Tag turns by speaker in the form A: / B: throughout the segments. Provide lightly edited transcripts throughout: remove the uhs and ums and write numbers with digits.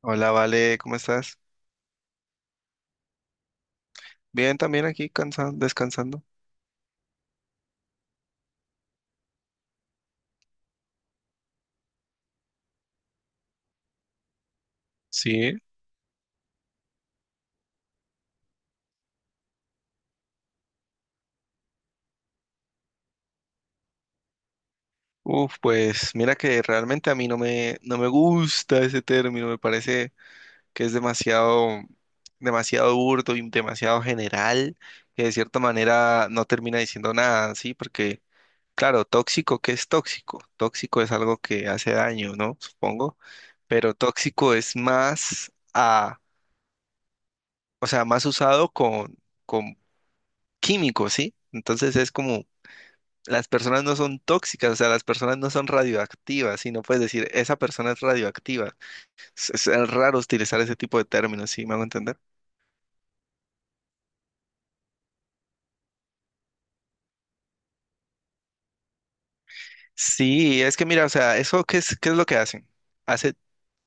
A: Hola, Vale, ¿cómo estás? Bien, también aquí cansado, descansando. Sí. Uf, pues mira que realmente a mí no me gusta ese término, me parece que es demasiado, demasiado burdo y demasiado general, que de cierta manera no termina diciendo nada, ¿sí? Porque, claro, tóxico, ¿qué es tóxico? Tóxico es algo que hace daño, ¿no? Supongo, pero tóxico es más a, o sea, más usado con químicos, ¿sí? Entonces es como las personas no son tóxicas, o sea, las personas no son radioactivas, y no puedes decir, esa persona es radioactiva. Es raro utilizar ese tipo de términos, ¿sí me hago entender? Sí, es que mira, o sea, eso qué es, ¿qué es lo que hacen? Hace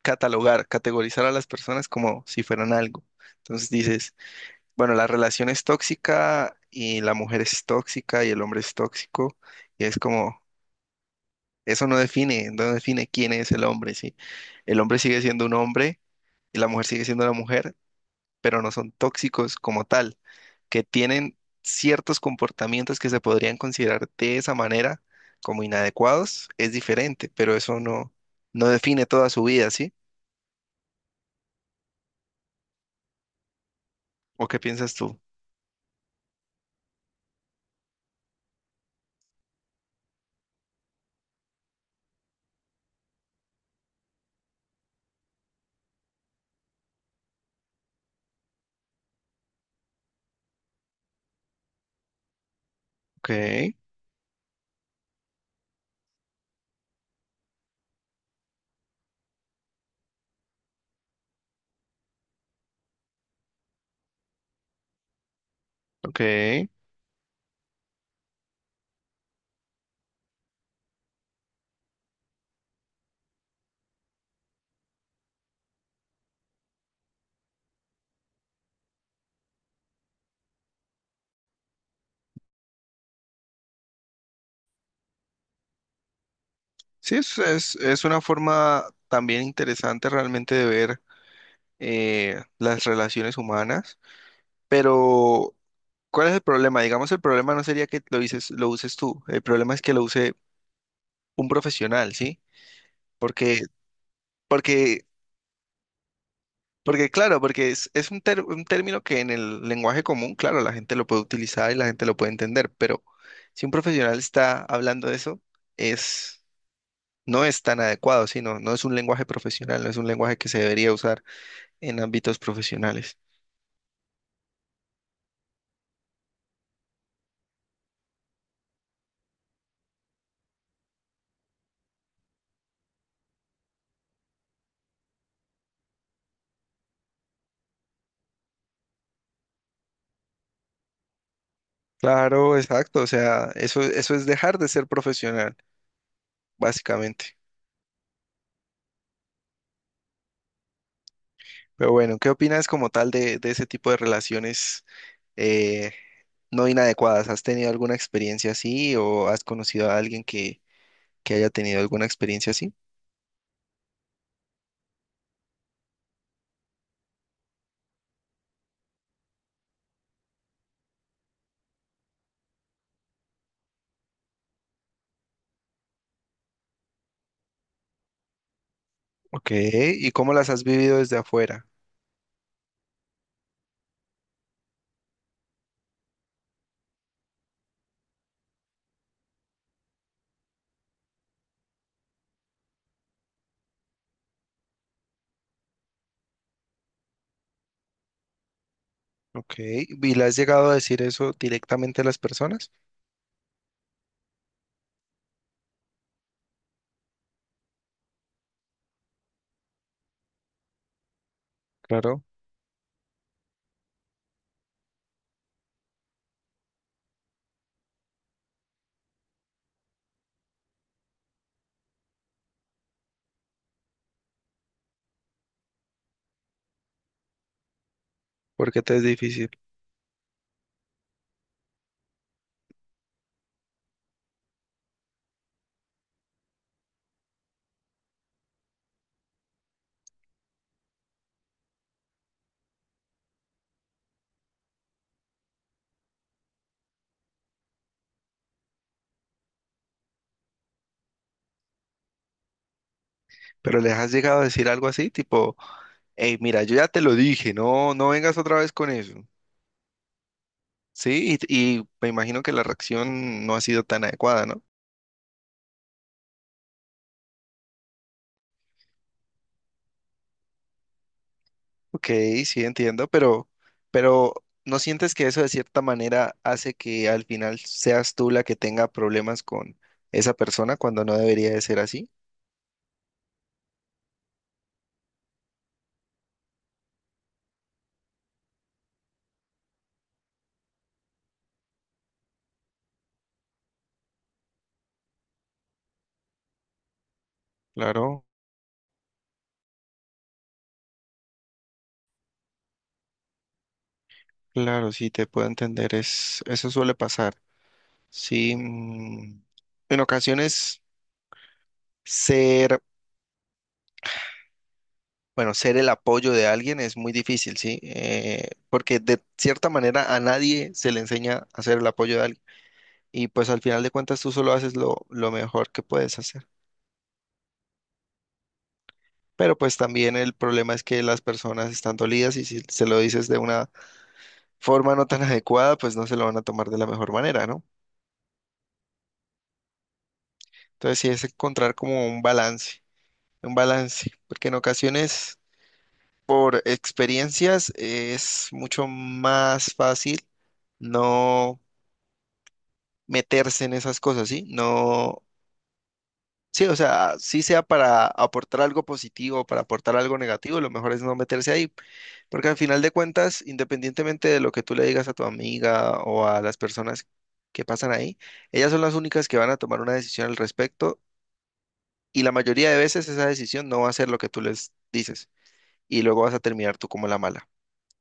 A: catalogar, categorizar a las personas como si fueran algo. Entonces dices, bueno, la relación es tóxica y la mujer es tóxica y el hombre es tóxico, y es como, eso no define, no define quién es el hombre, ¿sí? El hombre sigue siendo un hombre y la mujer sigue siendo una mujer pero no son tóxicos como tal, que tienen ciertos comportamientos que se podrían considerar de esa manera como inadecuados, es diferente, pero eso no, no define toda su vida, ¿sí? ¿O qué piensas tú? Ok, ok. Sí, es una forma también interesante realmente de ver las relaciones humanas, pero ¿cuál es el problema? Digamos, el problema no sería que lo dices, lo uses tú, el problema es que lo use un profesional, ¿sí? Porque, porque porque claro, porque un término que en el lenguaje común, claro, la gente lo puede utilizar y la gente lo puede entender, pero si un profesional está hablando de eso, es, no es tan adecuado, sino no es un lenguaje profesional, no es un lenguaje que se debería usar en ámbitos profesionales. Claro, exacto, o sea, eso es dejar de ser profesional, básicamente. Pero bueno, ¿qué opinas como tal de ese tipo de relaciones eh, no inadecuadas? ¿Has tenido alguna experiencia así o has conocido a alguien que haya tenido alguna experiencia así? Ok, ¿y cómo las has vivido desde afuera? Ok, ¿y le has llegado a decir eso directamente a las personas? Claro, porque te es difícil. Pero les has llegado a decir algo así, tipo, hey, mira, yo ya te lo dije, no vengas otra vez con eso. Sí, y me imagino que la reacción no ha sido tan adecuada, ¿no? Ok, sí, entiendo, pero ¿no sientes que eso de cierta manera hace que al final seas tú la que tenga problemas con esa persona cuando no debería de ser así? Claro, claro, sí, te puedo entender, es, eso suele pasar. Sí, en ocasiones ser, bueno, ser el apoyo de alguien es muy difícil, sí, porque de cierta manera a nadie se le enseña a ser el apoyo de alguien y pues al final de cuentas tú solo haces lo mejor que puedes hacer. Pero pues también el problema es que las personas están dolidas y si se lo dices de una forma no tan adecuada, pues no se lo van a tomar de la mejor manera, ¿no? Entonces sí es encontrar como un balance. Un balance, porque en ocasiones por experiencias es mucho más fácil no meterse en esas cosas, ¿sí? No, sí, o sea, sí sea para aportar algo positivo o para aportar algo negativo, lo mejor es no meterse ahí, porque al final de cuentas, independientemente de lo que tú le digas a tu amiga o a las personas que pasan ahí, ellas son las únicas que van a tomar una decisión al respecto y la mayoría de veces esa decisión no va a ser lo que tú les dices y luego vas a terminar tú como la mala,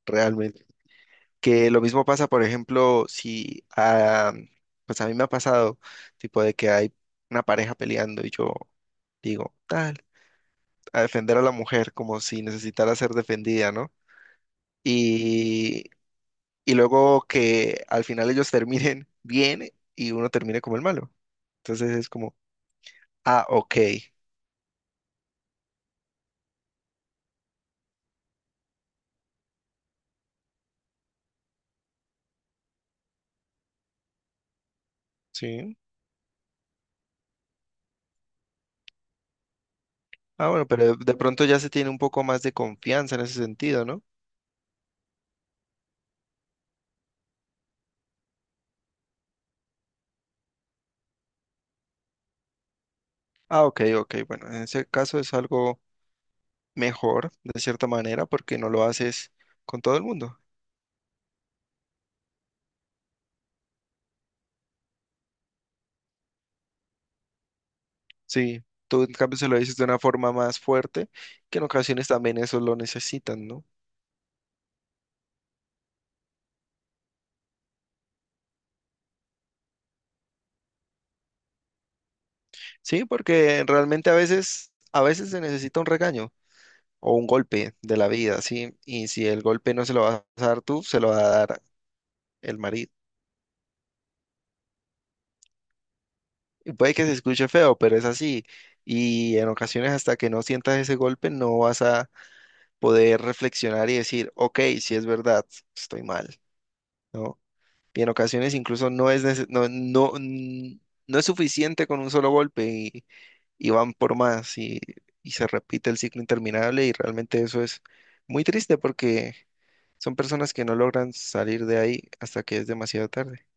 A: realmente. Que lo mismo pasa, por ejemplo, si, ah, pues a mí me ha pasado, tipo de que hay una pareja peleando y yo digo, tal, a defender a la mujer como si necesitara ser defendida, ¿no? Y, y luego que al final ellos terminen bien y uno termine como el malo. Entonces es como, ah, ok, sí. Ah, bueno, pero de pronto ya se tiene un poco más de confianza en ese sentido, ¿no? Ah, ok, ok, bueno, en ese caso es algo mejor, de cierta manera, porque no lo haces con todo el mundo. Sí, tú en cambio se lo dices de una forma más fuerte, que en ocasiones también eso lo necesitan, ¿no? Sí, porque realmente a veces se necesita un regaño o un golpe de la vida, ¿sí? Y si el golpe no se lo vas a dar tú, se lo va a dar el marido. Y puede que se escuche feo, pero es así. Y en ocasiones hasta que no sientas ese golpe, no vas a poder reflexionar y decir, ok, si es verdad, estoy mal, ¿no? Y en ocasiones incluso no es, nece- no, no, mm, no es suficiente con un solo golpe y van por más y se repite el ciclo interminable y realmente eso es muy triste porque son personas que no logran salir de ahí hasta que es demasiado tarde.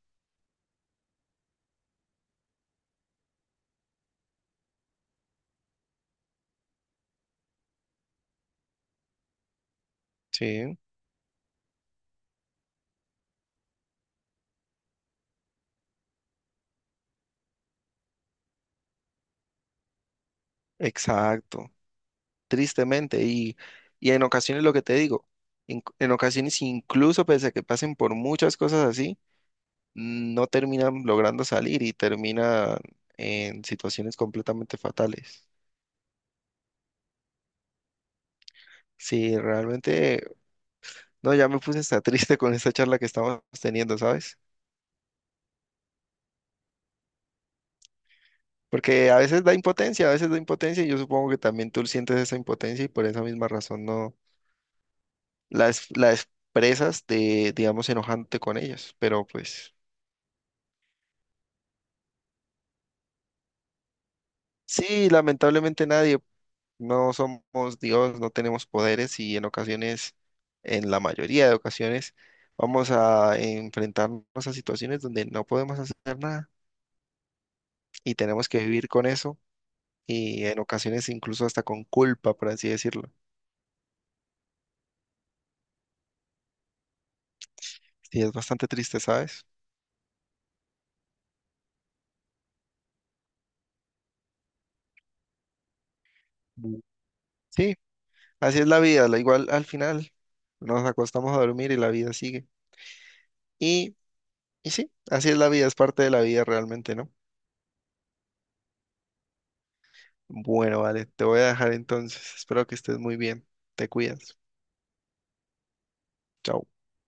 A: Sí, exacto, tristemente y, y en ocasiones lo que te digo, en ocasiones incluso pese a que pasen por muchas cosas así, no terminan logrando salir y terminan en situaciones completamente fatales. Sí, realmente, no, ya me puse hasta triste con esta charla que estamos teniendo, ¿sabes? Porque a veces da impotencia, a veces da impotencia y yo supongo que también tú sientes esa impotencia y por esa misma razón no la, es- la expresas de, digamos, enojándote con ellos. Pero pues sí, lamentablemente nadie, no somos Dios, no tenemos poderes y en ocasiones, en la mayoría de ocasiones, vamos a enfrentarnos a situaciones donde no podemos hacer nada y tenemos que vivir con eso y en ocasiones incluso hasta con culpa, por así decirlo. Sí es bastante triste, ¿sabes? Mm. Sí, así es la vida, la igual al final nos acostamos a dormir y la vida sigue. Y, y sí, así es la vida, es parte de la vida realmente, ¿no? Bueno, vale, te voy a dejar entonces. Espero que estés muy bien. Te cuidas. Chao.